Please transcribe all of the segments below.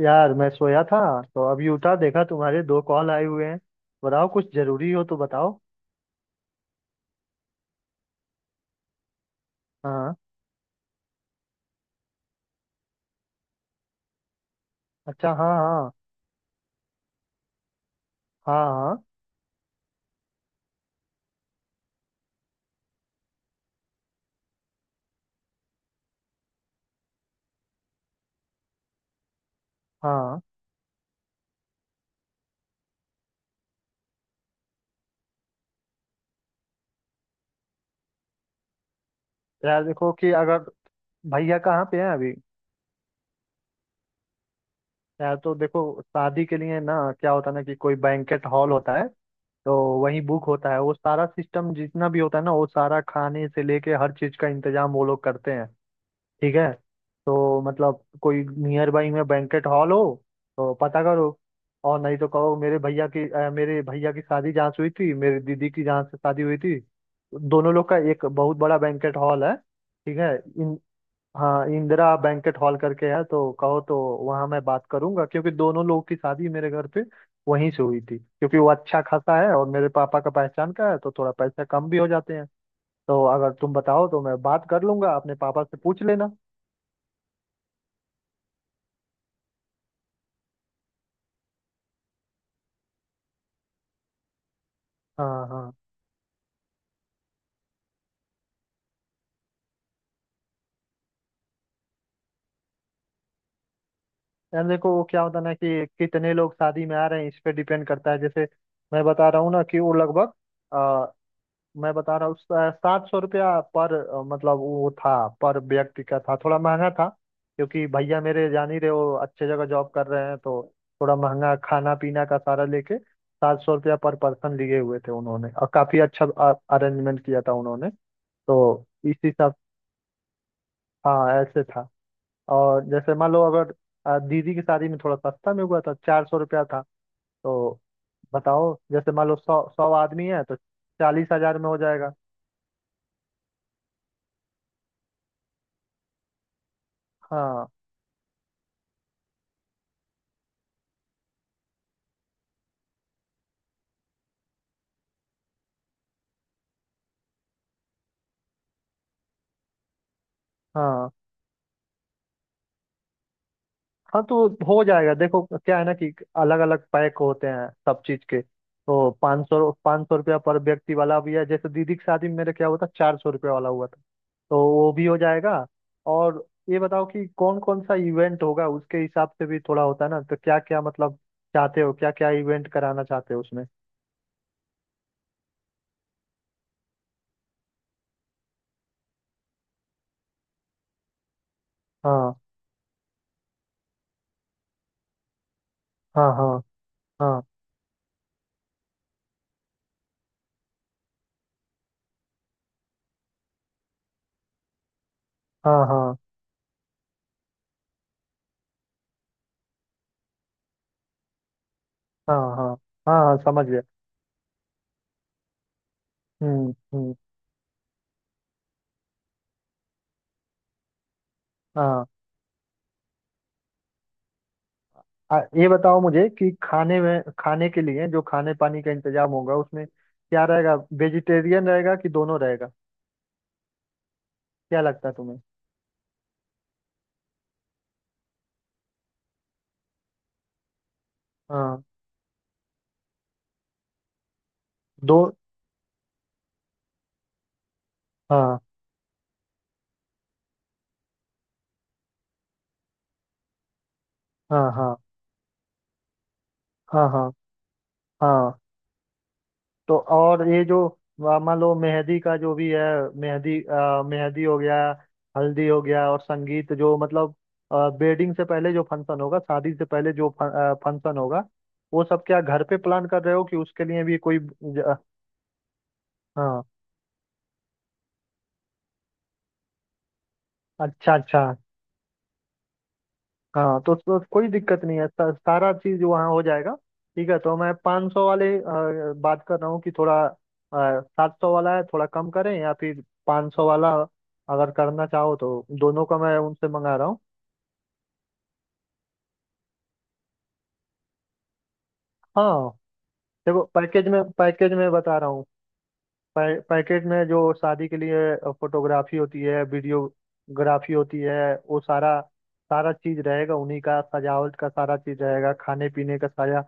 यार मैं सोया था तो अभी उठा, देखा तुम्हारे दो कॉल आए हुए हैं। बताओ कुछ जरूरी हो तो बताओ। हाँ। अच्छा, हाँ हाँ। हाँ हाँ। हाँ यार देखो कि अगर भैया कहाँ पे हैं अभी। यार तो देखो शादी के लिए ना, क्या होता है ना कि कोई बैंकेट हॉल होता है। तो वहीं बुक होता है, वो सारा सिस्टम जितना भी होता है ना, वो सारा खाने से लेके हर चीज का इंतजाम वो लोग करते हैं। ठीक है। तो मतलब कोई नियर बाई में बैंकेट हॉल हो तो पता करो। और नहीं तो कहो, मेरे भैया की मेरे भैया की शादी जहाँ से हुई थी, मेरी दीदी की जहाँ से शादी हुई थी, दोनों लोग का एक बहुत बड़ा बैंकेट हॉल है। ठीक है इन, हाँ इंदिरा बैंकेट हॉल करके है। तो कहो तो वहाँ मैं बात करूंगा, क्योंकि दोनों लोग की शादी मेरे घर पे वहीं से हुई थी। क्योंकि वो अच्छा खासा है और मेरे पापा का पहचान का है तो थोड़ा पैसा कम भी हो जाते हैं। तो अगर तुम बताओ तो मैं बात कर लूंगा, अपने पापा से पूछ लेना। हाँ हाँ। यार देखो वो क्या होता है ना कि कितने लोग शादी में आ रहे हैं, इस पे डिपेंड करता है। जैसे मैं बता रहा हूँ ना कि वो लगभग अ, मैं बता रहा हूँ, सात सौ रुपया पर मतलब वो था, पर व्यक्ति का था, थोड़ा महंगा था। क्योंकि भैया मेरे, जान ही रहे हो, अच्छे जगह जॉब कर रहे हैं तो थोड़ा महंगा खाना पीना का सारा लेके सात सौ रुपया पर पर्सन लिए हुए थे उन्होंने। और काफी अच्छा अरेंजमेंट किया था उन्होंने। तो इस हिसाब, हाँ ऐसे था। और जैसे मान लो अगर दीदी की शादी में थोड़ा सस्ता में हुआ था, चार सौ रुपया था। तो बताओ जैसे मान लो सौ सौ आदमी है तो चालीस हजार में हो जाएगा। हाँ हाँ। हाँ तो हो जाएगा। देखो क्या है ना कि अलग अलग पैक होते हैं सब चीज के। तो पाँच सौ रुपया पर व्यक्ति वाला भी है, जैसे दीदी की शादी में मेरे क्या हुआ था, चार सौ रुपया वाला हुआ था। तो वो भी हो जाएगा। और ये बताओ कि कौन कौन सा इवेंट होगा उसके हिसाब से भी थोड़ा होता है ना। तो क्या क्या मतलब चाहते हो, क्या क्या इवेंट कराना चाहते हो उसमें। हाँ हाँ हाँ। हाँ। हाँ हाँ। हाँ हाँ। हाँ हाँ समझ गया। हम्म। हाँ ये बताओ मुझे कि खाने में, खाने के लिए जो खाने पानी का इंतजाम होगा उसमें क्या रहेगा। वेजिटेरियन रहेगा कि दोनों रहेगा, क्या लगता है तुम्हें। हाँ दो, हाँ। हाँ हाँ। हाँ हाँ। हाँ तो और ये जो मान लो मेहंदी का जो भी है, मेहंदी मेहंदी हो गया, हल्दी हो गया, और संगीत जो मतलब वेडिंग से पहले जो फंक्शन होगा, शादी से पहले जो फंक्शन होगा, वो सब क्या घर पे प्लान कर रहे हो कि उसके लिए भी कोई हाँ। अच्छा अच्छा। हाँ तो कोई दिक्कत नहीं है, सारा चीज वहाँ हो जाएगा। ठीक है तो मैं 500 सौ वाले बात कर रहा हूँ कि थोड़ा सात सौ वाला है, थोड़ा कम करें या फिर 500 सौ वाला अगर करना चाहो तो दोनों का मैं उनसे मंगा रहा हूँ। हाँ देखो पैकेज में, पैकेज में बता रहा हूँ, पैकेट में जो शादी के लिए फोटोग्राफी होती है, वीडियोग्राफी होती है, वो सारा सारा चीज रहेगा उन्हीं का, सजावट का सारा चीज रहेगा, खाने पीने का सारा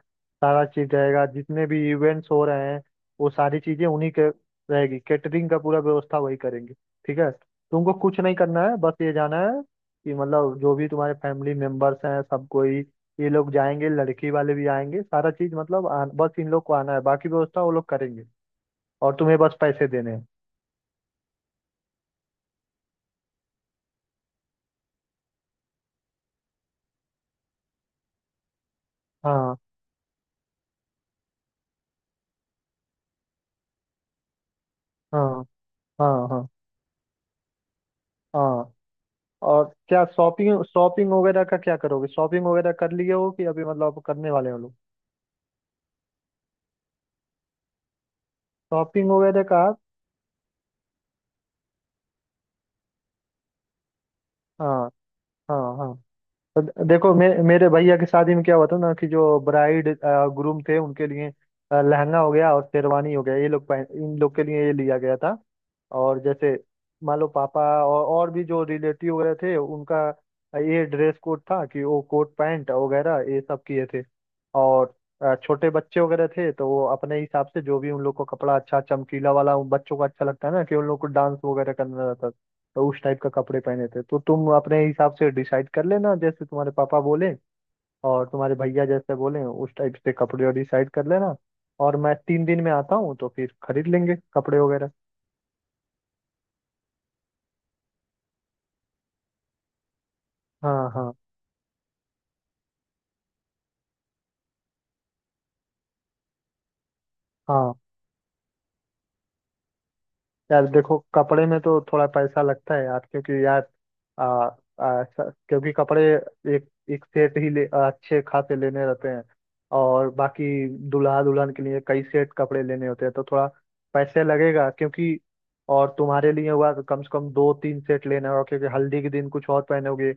सारा चीज रहेगा। जितने भी इवेंट्स हो रहे हैं, वो सारी चीजें उन्हीं के रहेगी। कैटरिंग का पूरा व्यवस्था वही करेंगे। ठीक है तुमको कुछ नहीं करना है, बस ये जाना है कि मतलब जो भी तुम्हारे फैमिली मेंबर्स हैं सब कोई, ये लोग जाएंगे, लड़की वाले भी आएंगे, सारा चीज मतलब बस इन लोग को आना है, बाकी व्यवस्था वो लोग करेंगे। और तुम्हें बस पैसे देने हैं। हाँ हाँ। हाँ हाँ। हाँ। और क्या, शॉपिंग शॉपिंग वगैरह का क्या करोगे, शॉपिंग वगैरह कर लिए हो कि अभी मतलब करने वाले हो लोग। शॉपिंग वगैरह का आप, हाँ हाँ। हाँ तो देखो मेरे भैया की शादी में क्या हुआ था ना कि जो ब्राइड ग्रूम थे उनके लिए लहंगा हो गया और शेरवानी हो गया, ये लोग पहन, इन लोग के लिए ये लिया गया था। और जैसे मान लो पापा और भी जो रिलेटिव वगैरह थे उनका ये ड्रेस कोड था कि वो कोट पैंट वगैरह ये सब किए थे। और छोटे बच्चे वगैरह थे तो वो अपने हिसाब से, जो भी उन लोग को कपड़ा अच्छा चमकीला वाला, उन बच्चों को अच्छा लगता है ना कि उन लोग को डांस वगैरह करना रहता था, तो उस टाइप का कपड़े पहने थे। तो तुम अपने हिसाब से डिसाइड कर लेना, जैसे तुम्हारे पापा बोले और तुम्हारे भैया जैसे बोले उस टाइप से कपड़े डिसाइड कर लेना। और मैं तीन दिन में आता हूँ तो फिर खरीद लेंगे कपड़े वगैरह। हाँ हाँ। हाँ यार देखो कपड़े में तो थोड़ा पैसा लगता है यार, क्योंकि यार आ, आ, स- क्योंकि कपड़े एक एक सेट ही ले, अच्छे खासे लेने रहते हैं। और बाकी दूल्हा दुल्हन के लिए कई सेट कपड़े लेने होते हैं तो थोड़ा पैसे लगेगा। क्योंकि और तुम्हारे लिए हुआ तो कम से कम दो तीन सेट लेना होगा, क्योंकि हल्दी के दिन कुछ और पहनोगे,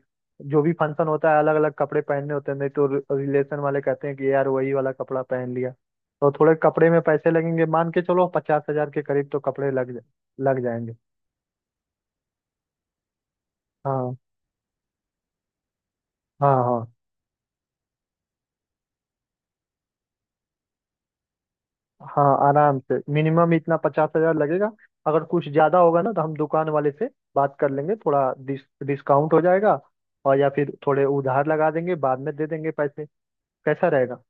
जो भी फंक्शन होता है अलग अलग कपड़े पहनने होते हैं। नहीं तो रिलेशन वाले कहते हैं कि यार वही वाला कपड़ा पहन लिया। तो थोड़े कपड़े में पैसे लगेंगे, मान के चलो पचास हजार के करीब तो कपड़े लग लग जाएंगे। हाँ हाँ। हाँ हाँ आराम से मिनिमम इतना, पचास हजार लगेगा। अगर कुछ ज्यादा होगा ना तो हम दुकान वाले से बात कर लेंगे, थोड़ा डिस डिस्काउंट हो जाएगा। और या फिर थोड़े उधार लगा देंगे, बाद में दे देंगे पैसे, कैसा रहेगा।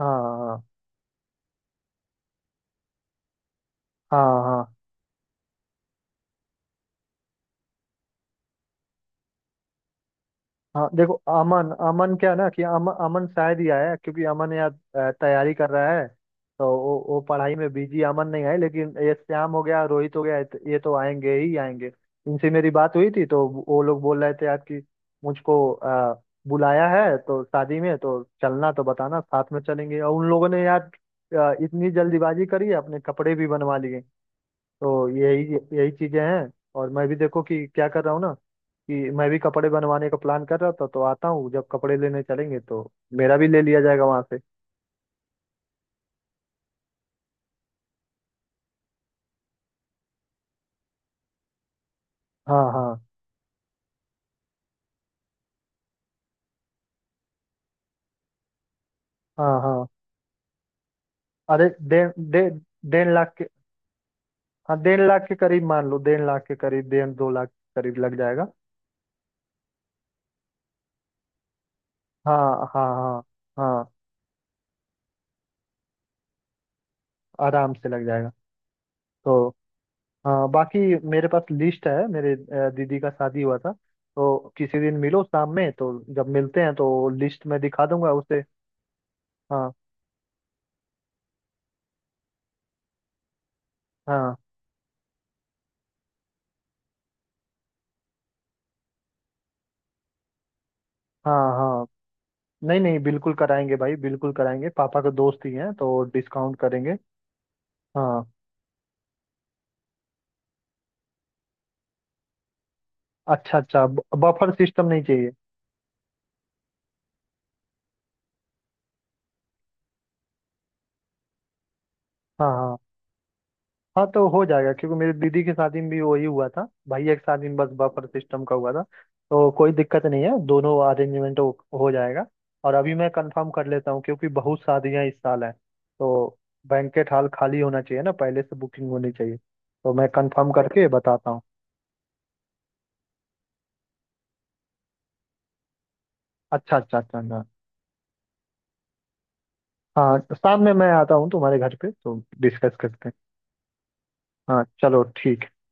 हाँ हाँ। हाँ हाँ। हाँ देखो अमन, अमन क्या है ना कि अमन, अमन शायद ही आया है, क्योंकि अमन यहाँ तैयारी कर रहा है तो वो पढ़ाई में बिजी, अमन नहीं आए। लेकिन ये श्याम हो गया, रोहित हो गया, ये तो आएंगे ही आएंगे। इनसे मेरी बात हुई थी तो वो लोग बोल रहे थे यार कि मुझको बुलाया है तो शादी में तो चलना, तो बताना साथ में चलेंगे। और उन लोगों ने यार इतनी जल्दीबाजी करी है, अपने कपड़े भी बनवा लिए। तो यही यही चीजें हैं। और मैं भी देखो कि क्या कर रहा हूँ ना कि मैं भी कपड़े बनवाने का प्लान कर रहा था, तो आता हूँ जब कपड़े लेने चलेंगे तो मेरा भी ले लिया जाएगा वहां से। हाँ हाँ। हाँ हाँ। अरे डेढ़ डेढ़, डेढ़ लाख के, हाँ डेढ़ लाख के करीब, मान लो डेढ़ लाख के करीब, डेढ़ दो लाख के करीब लग जाएगा। हाँ हाँ। हाँ हाँ आराम से लग जाएगा। तो हाँ बाकी, मेरे पास लिस्ट है मेरे दीदी का शादी हुआ था, तो किसी दिन मिलो शाम में, तो जब मिलते हैं तो लिस्ट में दिखा दूंगा उसे। हाँ हाँ। हाँ हाँ, नहीं नहीं बिल्कुल कराएंगे भाई, बिल्कुल कराएंगे, पापा के दोस्त ही हैं तो डिस्काउंट करेंगे। हाँ। अच्छा अच्छा। बफर सिस्टम नहीं चाहिए। हाँ हाँ। हाँ तो हो जाएगा, क्योंकि मेरी दीदी की शादी में भी वही हुआ था, भैया की शादी में बस बफर सिस्टम का हुआ था। तो कोई दिक्कत नहीं है, दोनों अरेंजमेंट हो जाएगा। और अभी मैं कंफर्म कर लेता हूँ क्योंकि बहुत शादियाँ इस साल हैं, तो बैंकेट हॉल खाली होना चाहिए ना, पहले से बुकिंग होनी चाहिए, तो मैं कंफर्म करके बताता हूँ। अच्छा अच्छा अच्छा अच्छा। हाँ शाम में मैं आता हूँ तुम्हारे घर पे तो डिस्कस करते हैं। हाँ चलो ठीक है।